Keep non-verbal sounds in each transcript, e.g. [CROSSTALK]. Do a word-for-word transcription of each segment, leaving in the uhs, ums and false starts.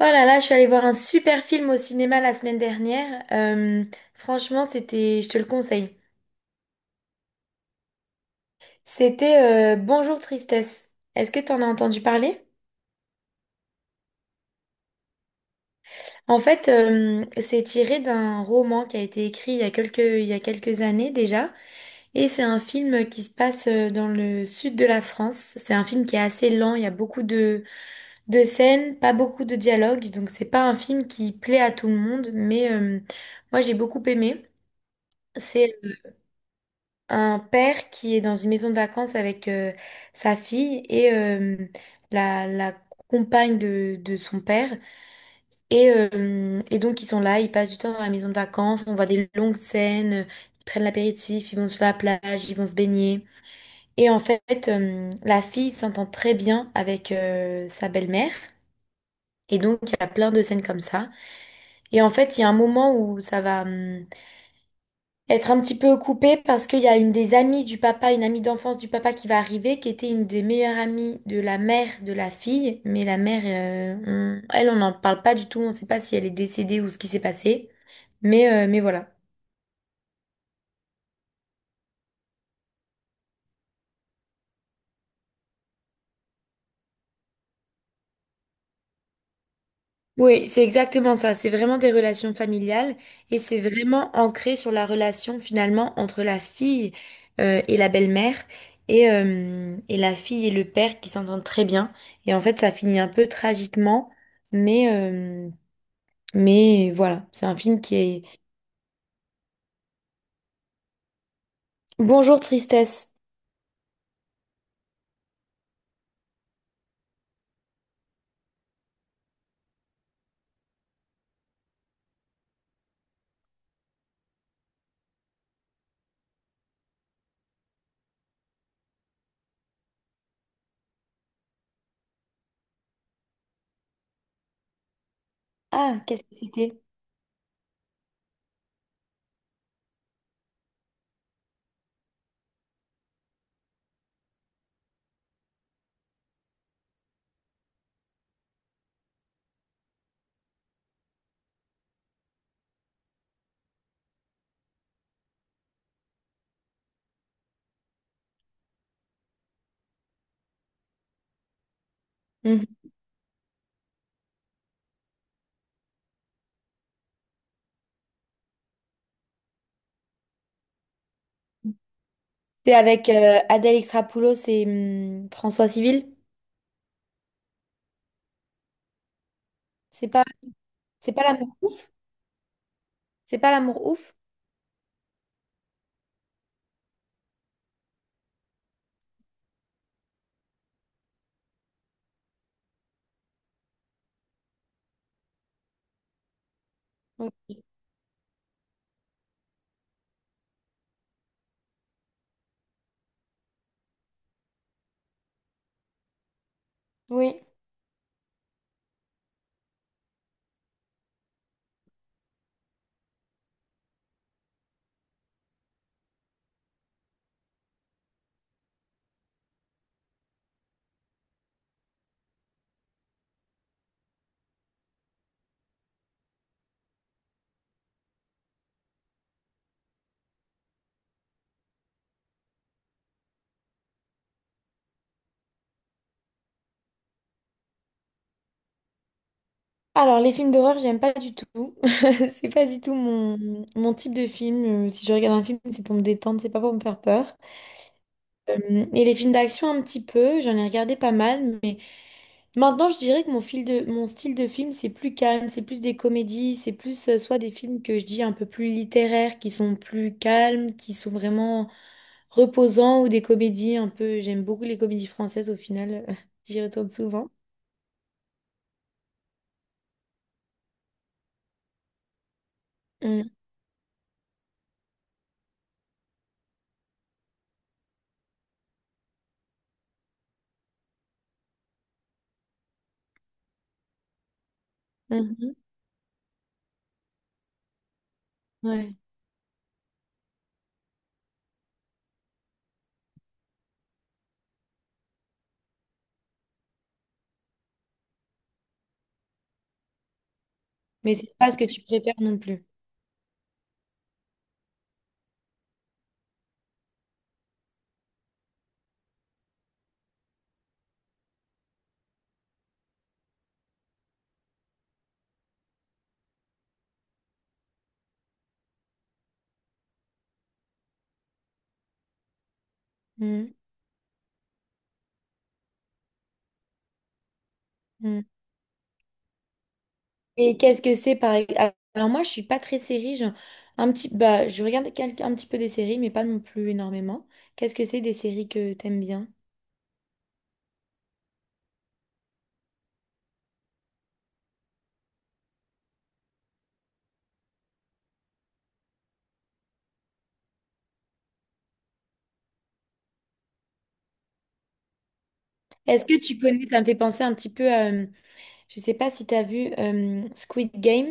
Oh là là, je suis allée voir un super film au cinéma la semaine dernière. Euh, franchement, c'était, je te le conseille. C'était euh, Bonjour Tristesse. Est-ce que tu en as entendu parler? En fait, euh, c'est tiré d'un roman qui a été écrit il y a quelques, il y a quelques années déjà. Et c'est un film qui se passe euh, dans le sud de la France. C'est un film qui est assez lent, il y a beaucoup de, de scènes, pas beaucoup de dialogues. Donc c'est pas un film qui plaît à tout le monde, mais euh, moi j'ai beaucoup aimé. C'est un père qui est dans une maison de vacances avec euh, sa fille et euh, la, la compagne de, de son père. Et, euh, et donc, ils sont là, ils passent du temps dans la maison de vacances, on voit des longues scènes, ils prennent l'apéritif, ils vont sur la plage, ils vont se baigner. Et en fait, euh, la fille s'entend très bien avec euh, sa belle-mère. Et donc, il y a plein de scènes comme ça. Et en fait, il y a un moment où ça va... hum, être un petit peu coupée parce qu'il y a une des amies du papa, une amie d'enfance du papa qui va arriver, qui était une des meilleures amies de la mère de la fille. Mais la mère, euh, on- elle, on n'en parle pas du tout. On ne sait pas si elle est décédée ou ce qui s'est passé. Mais, euh, mais voilà. Oui, c'est exactement ça. C'est vraiment des relations familiales et c'est vraiment ancré sur la relation finalement entre la fille euh, et la belle-mère et, euh, et la fille et le père qui s'entendent très bien. Et en fait, ça finit un peu tragiquement, mais, euh, mais voilà, c'est un film qui est... Bonjour Tristesse. Ah, qu'est-ce que c'était? Mhm. C'est avec euh, Adèle Exarchopoulos et hum, François Civil. C'est pas, c'est pas l'amour ouf? C'est pas l'amour ouf? Oui. Oui. Alors, les films d'horreur, j'aime pas du tout. [LAUGHS] C'est pas du tout mon, mon type de film. Euh, Si je regarde un film, c'est pour me détendre, c'est pas pour me faire peur. Euh, et les films d'action, un petit peu. J'en ai regardé pas mal, mais... Maintenant, je dirais que mon fil de, mon style de film, c'est plus calme, c'est plus des comédies, c'est plus euh, soit des films que je dis un peu plus littéraires, qui sont plus calmes, qui sont vraiment reposants, ou des comédies un peu. J'aime beaucoup les comédies françaises au final, [LAUGHS] j'y retourne souvent. Mm, mhm, ouais. Mais c'est pas ce que tu préfères non plus. Mm, mm. Et qu'est-ce que c'est par exemple? Alors moi, je suis pas très série, genre, un petit, bah, je regarde quel- un petit peu des séries, mais pas non plus énormément. Qu'est-ce que c'est des séries que t'aimes bien? Est-ce que tu connais, ça me fait penser un petit peu à, euh, je sais pas si tu as vu euh, Squid Game.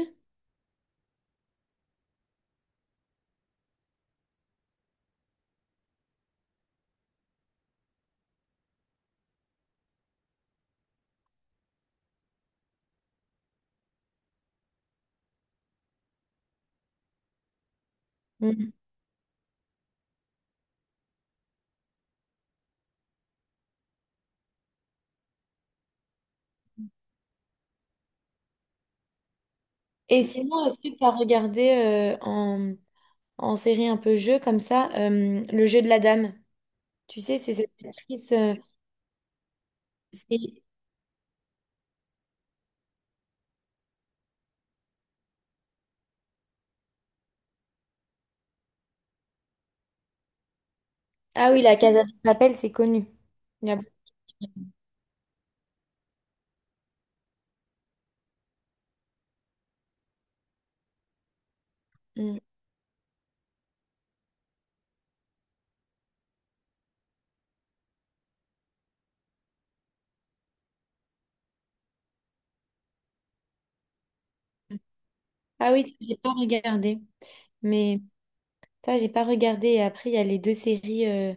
Mhm. Et sinon, est-ce que tu as regardé euh, en, en série un peu jeu comme ça, euh, Le jeu de la dame? Tu sais, c'est cette actrice. euh, c'est- Ah oui, la Casa de Papel, c'est connu. Il y a- Mm. Ah oui, ça, j'ai pas regardé. Mais ça, j'ai pas regardé. Et après, il y a les deux séries euh,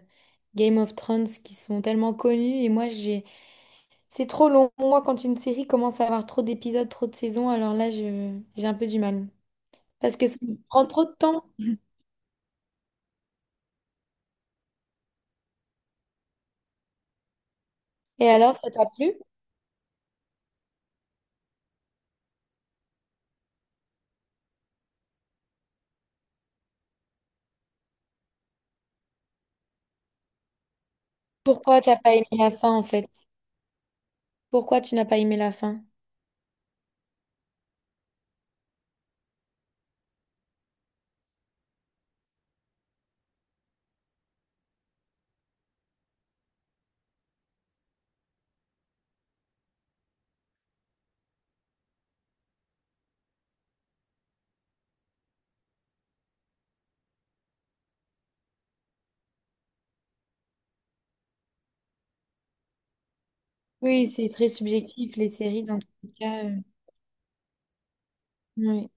Game of Thrones qui sont tellement connues. Et moi, j'ai c'est trop long. Moi, quand une série commence à avoir trop d'épisodes, trop de saisons, alors là, je, j'ai un peu du mal. Parce que ça me prend trop de temps. Et alors, ça t'a plu? Pourquoi t'as pas aimé la fin, en fait? Pourquoi tu n'as pas aimé la fin? Oui, c'est très subjectif, les séries, dans tous les cas. euh, Oui,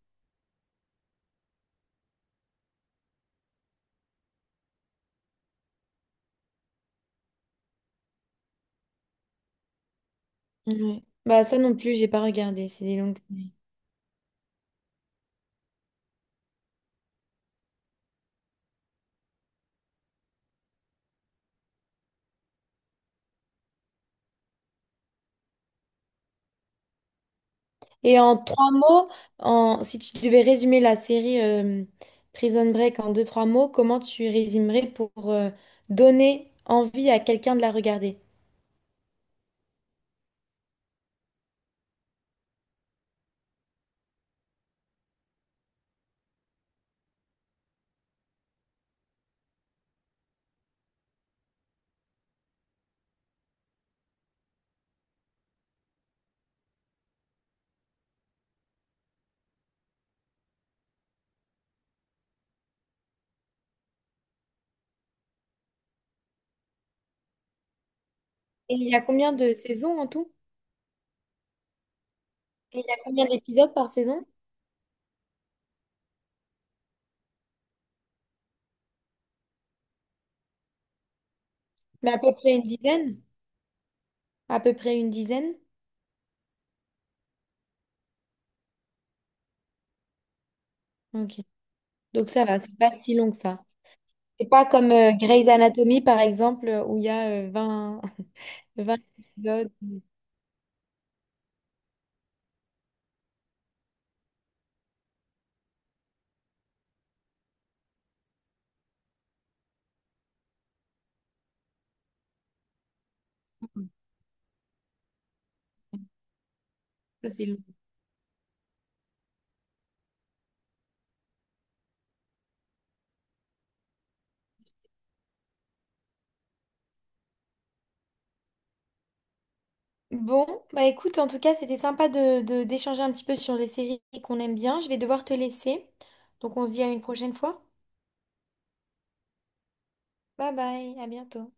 oui. Bah, ça non plus, j'ai pas regardé. C'est des longues séries. Et en trois mots, en... si tu devais résumer la série euh, Prison Break en deux, trois mots, comment tu résumerais pour euh, donner envie à quelqu'un de la regarder? Et il y a combien de saisons en tout? Et il y a combien d'épisodes par saison? Mais à peu près une dizaine? À peu près une dizaine? Ok. Donc ça va, c'est pas si long que ça. C'est pas comme euh, Grey's Anatomy, par exemple, euh, où il y a euh, vingt [LAUGHS] vingt épisodes. Ça, c'est long. Bon, bah écoute, en tout cas, c'était sympa de, de- d'échanger un petit peu sur les séries qu'on aime bien. Je vais devoir te laisser. Donc on se dit à une prochaine fois. Bye bye, à bientôt.